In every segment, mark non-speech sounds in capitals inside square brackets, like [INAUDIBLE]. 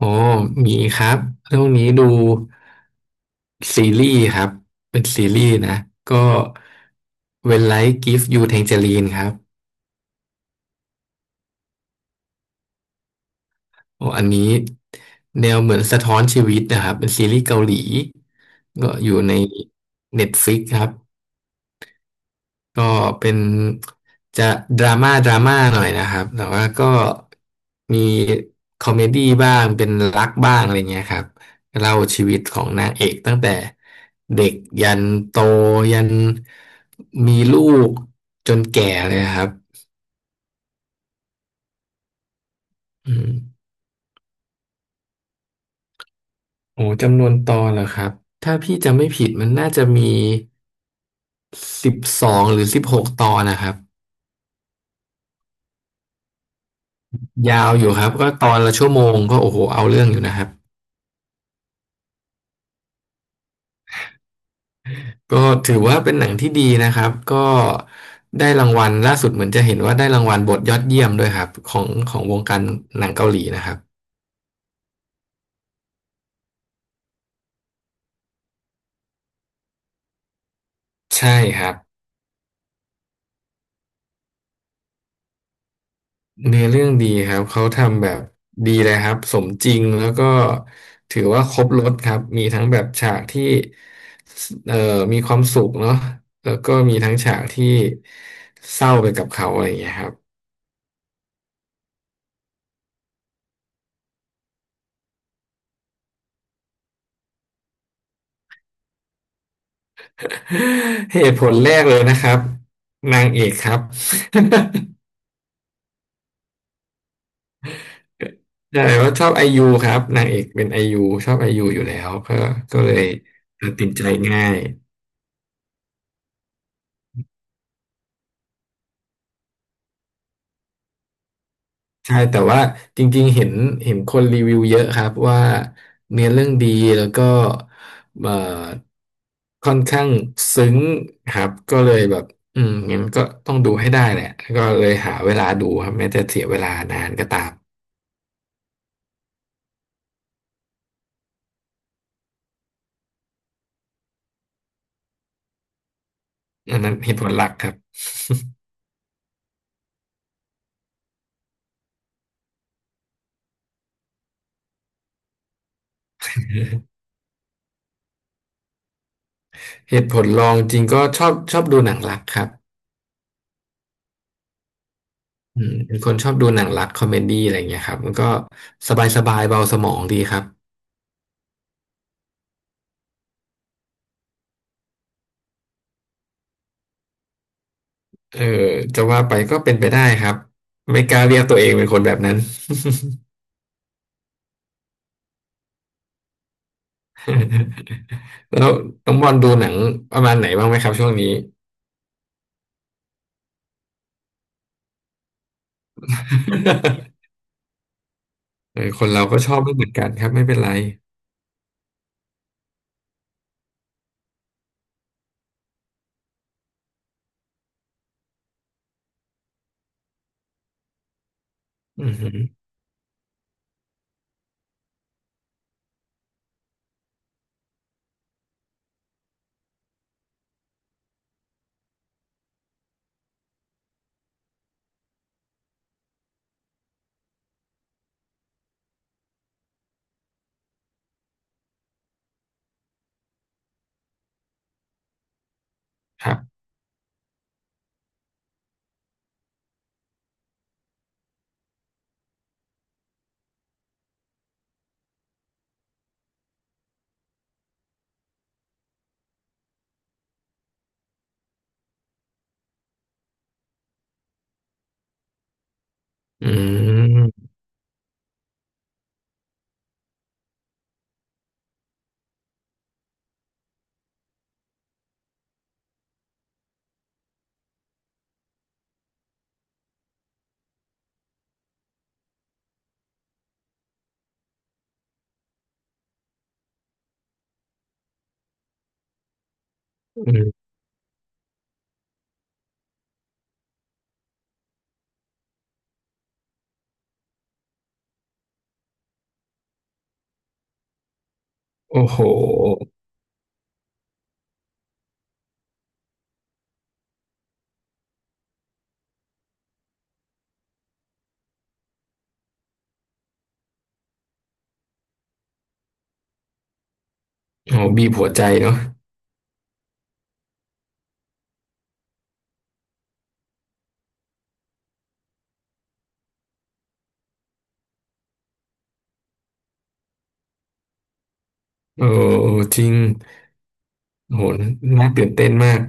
อ๋อมีครับเรื่องนี้ดูซีรีส์ครับเป็นซีรีส์นะก็ When Life Gives You Tangerine ครับโอ้อันนี้แนวเหมือนสะท้อนชีวิตนะครับเป็นซีรีส์เกาหลีก็อยู่ใน Netflix ครับ ก็เป็นจะดราม่าหน่อยนะครับแต่ว่าก็มีคอมเมดี้บ้างเป็นรักบ้างอะไรเงี้ยครับเล่าชีวิตของนางเอกตั้งแต่เด็กยันโตยันมีลูกจนแก่เลยครับอืมโอ้จำนวนตอนเหรอครับถ้าพี่จำไม่ผิดมันน่าจะมี12หรือ16ตอนนะครับยาวอยู่ครับก็ตอนละชั่วโมงก็โอ้โหเอาเรื่องอยู่นะครับ ก็ถือว่าเป็นหนังที่ดีนะครับก็ได้รางวัลล่าสุดเหมือนจะเห็นว่าได้รางวัลบทยอดเยี่ยมด้วยครับของวงการหนังเกาหลีนะครับใช่ครับเนื้อเรื่องดีครับเขาทำแบบดีเลยครับสมจริงแล้วก็ถือว่าครบรสครับมีทั้งแบบฉากที่สมีความสุขเนาะแล้วก็มีทั้งฉากที่เศร้าไปกับเขาอะไรอย่างเงี้ยครับ [LAUGHS] เหตุผลแรกเลยนะครับนางเอกครับ [LAUGHS] ใช่ว่าชอบไอยูครับนางเอกเป็นไอยูชอบไอยูอยู่แล้วก็ก็เลยตัดสินใจง่ายใช่แต่ว่าจริงๆเห็นคนรีวิวเยอะครับว่าเนื้อเรื่องดีแล้วก็เอ่อค่อนข้างซึ้งครับก็เลยแบบอืมงั้นก็ต้องดูให้ได้แหละก็เลยหาเวลาดูครับแม้จะเสียเวลานานก็ตามอันนั้นเหตุผลหลักครับเหตุผลรองจริงก็ชอบดูหนังรักครับ อืมเป็นคนชอบดูหนังรักคอมเมดี้อะไรเงี้ยครับมันก็สบายเบาสมองดีครับเออจะว่าไปก็เป็นไปได้ครับไม่กล้าเรียกตัวเองเป็นคนแบบนั้น [LAUGHS] แล้วน้องบอลดูหนังประมาณไหนบ้างไหมครับช่วงนี้ [LAUGHS] เออคนเราก็ชอบไม่เหมือนกันครับไม่เป็นไรอือหือครับอืมอืมโอ้โหโอ้โหบีบหัวใจเนาะโอ้จริงโอ้โหน่าตื่นเต้นมาก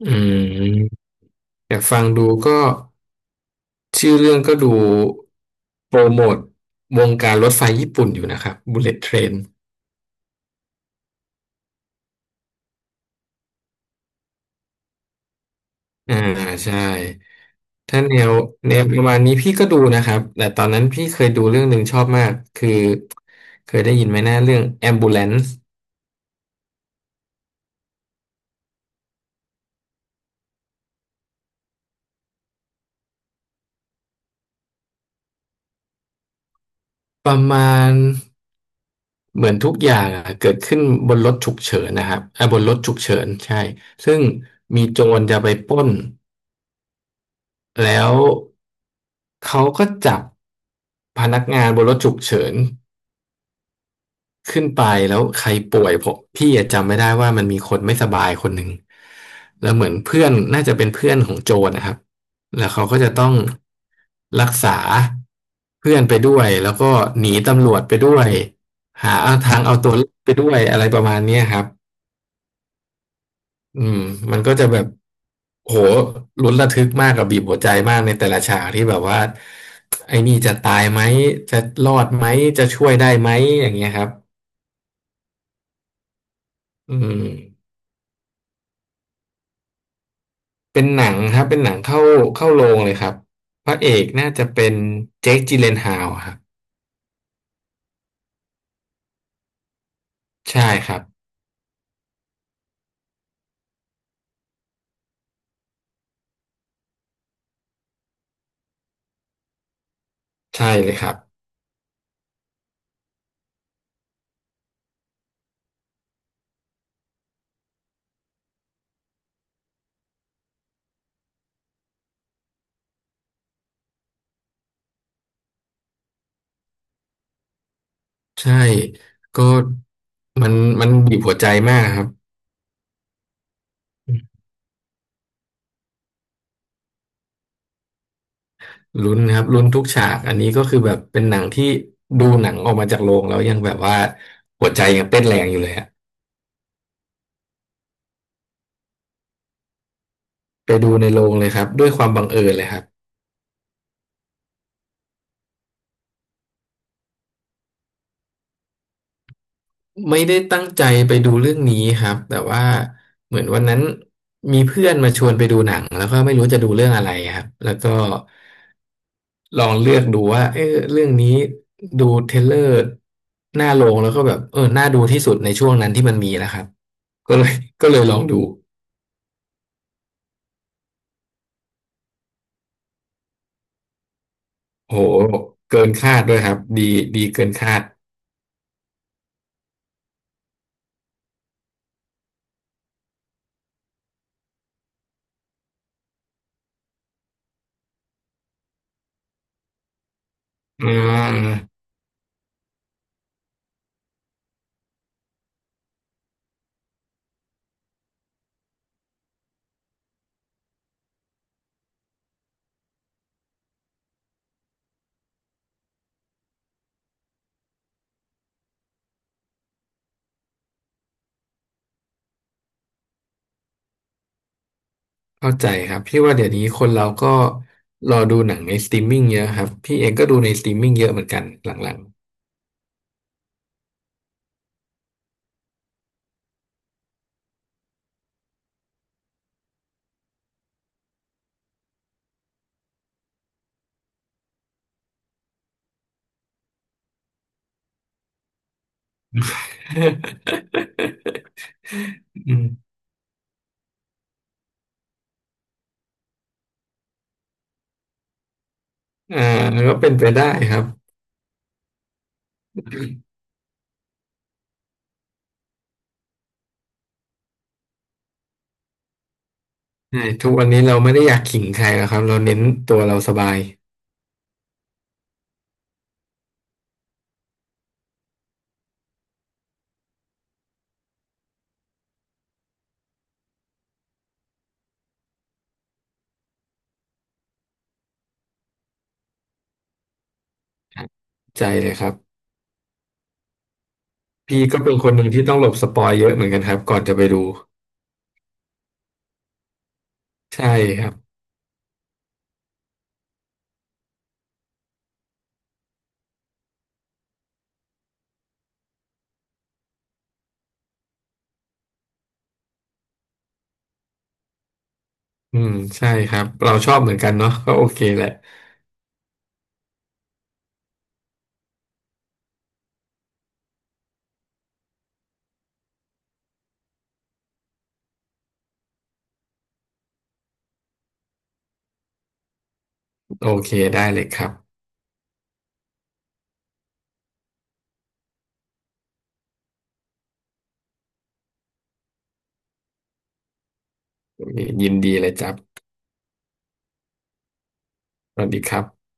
อืมอยากฟังดูก็ ชื่อเรื่องก็ดูโปรโมทวงการรถไฟญี่ปุ่นอยู่นะครับ Bullet Train อ่าใช่ถ้าแนวประมาณนี้พี่ก็ดูนะครับแต่ตอนนั้นพี่เคยดูเรื่องหนึ่งชอบมากคือเคยได้ยินไหมนะเรื่อง Ambulance ประมาณเหมือนทุกอย่างอะเกิดขึ้นบนรถฉุกเฉินนะครับอ่าบนรถฉุกเฉินใช่ซึ่งมีโจรจะไปปล้นแล้วเขาก็จับพนักงานบนรถฉุกเฉิน ขึ้นไปแล้วใครป่วยผมพี่อะจำไม่ได้ว่ามันมีคนไม่สบายคนหนึ่งแล้วเหมือนเพื่อนน่าจะเป็นเพื่อนของโจรนะครับแล้วเขาก็จะต้องรักษาเพื่อนไปด้วยแล้วก็หนีตำรวจไปด้วยหาทางเอาตัวรอดไปด้วยอะไรประมาณเนี้ยครับอืมมันก็จะแบบโหลุ้นระทึกมากกับบีบหัวใจมากในแต่ละฉากที่แบบว่าไอ้นี่จะตายไหมจะรอดไหมจะช่วยได้ไหมอย่างเงี้ยครับอืม เป็นหนังครับเป็นหนังเข้าโรงเลยครับพระเอกน่าจะเป็นเจคจิเลนฮาวครับใช่ครับใช่เลยครับใช่ก็มันมันบีบหัวใจมากครับลุ้นครับลุ้นทุกฉากอันนี้ก็คือแบบเป็นหนังที่ดูหนังออกมาจากโรงแล้วยังแบบว่าหัวใจยังเต้นแรงอยู่เลยฮะไปดูในโรงเลยครับด้วยความบังเอิญเลยครับ ไม่ได้ตั้งใจไปดูเรื่องนี้ครับแต่ว่าเหมือนวันนั้นมีเพื่อนมาชวนไปดูหนังแล้วก็ไม่รู้จะดูเรื่องอะไรครับแล้วก็ลองเลือกดูว่าเออเรื่องนี้ดูเทรลเลอร์หน้าโรงแล้วก็แบบเออน่าดูที่สุดในช่วงนั้นที่มันมีนะครับก็เลย [LAUGHS] ก็เลยลองดูโหเกินคาดด้วยครับดีเกินคาดอืม เข้าใจครับพี่ว่าเดี๋ยวนี้คนเราก็รอดูหนังในสตรีมมิ่งเยอะครับพี่เองก็ดูในสตรีมมิ่งเยอะเหมือนกันหลังๆ [LAUGHS] อืมอ่าก็เป็นไปได้ครับใช่ทุกวันนี้เราไม่ได้อยากขิงใครแล้วครับเราเน้นตัวเราสบายครับใจเลยครับพี่ก็เป็นคนหนึ่งที่ต้องหลบสปอยเยอะเหมือนกันครับก่อนจะไปดูใช่ครับอืมใช่ครับเราชอบเหมือนกันเนาะก็โอเคแหละโอเคได้เลยครับโอเคยินดีเลยจับสวัสดีครับ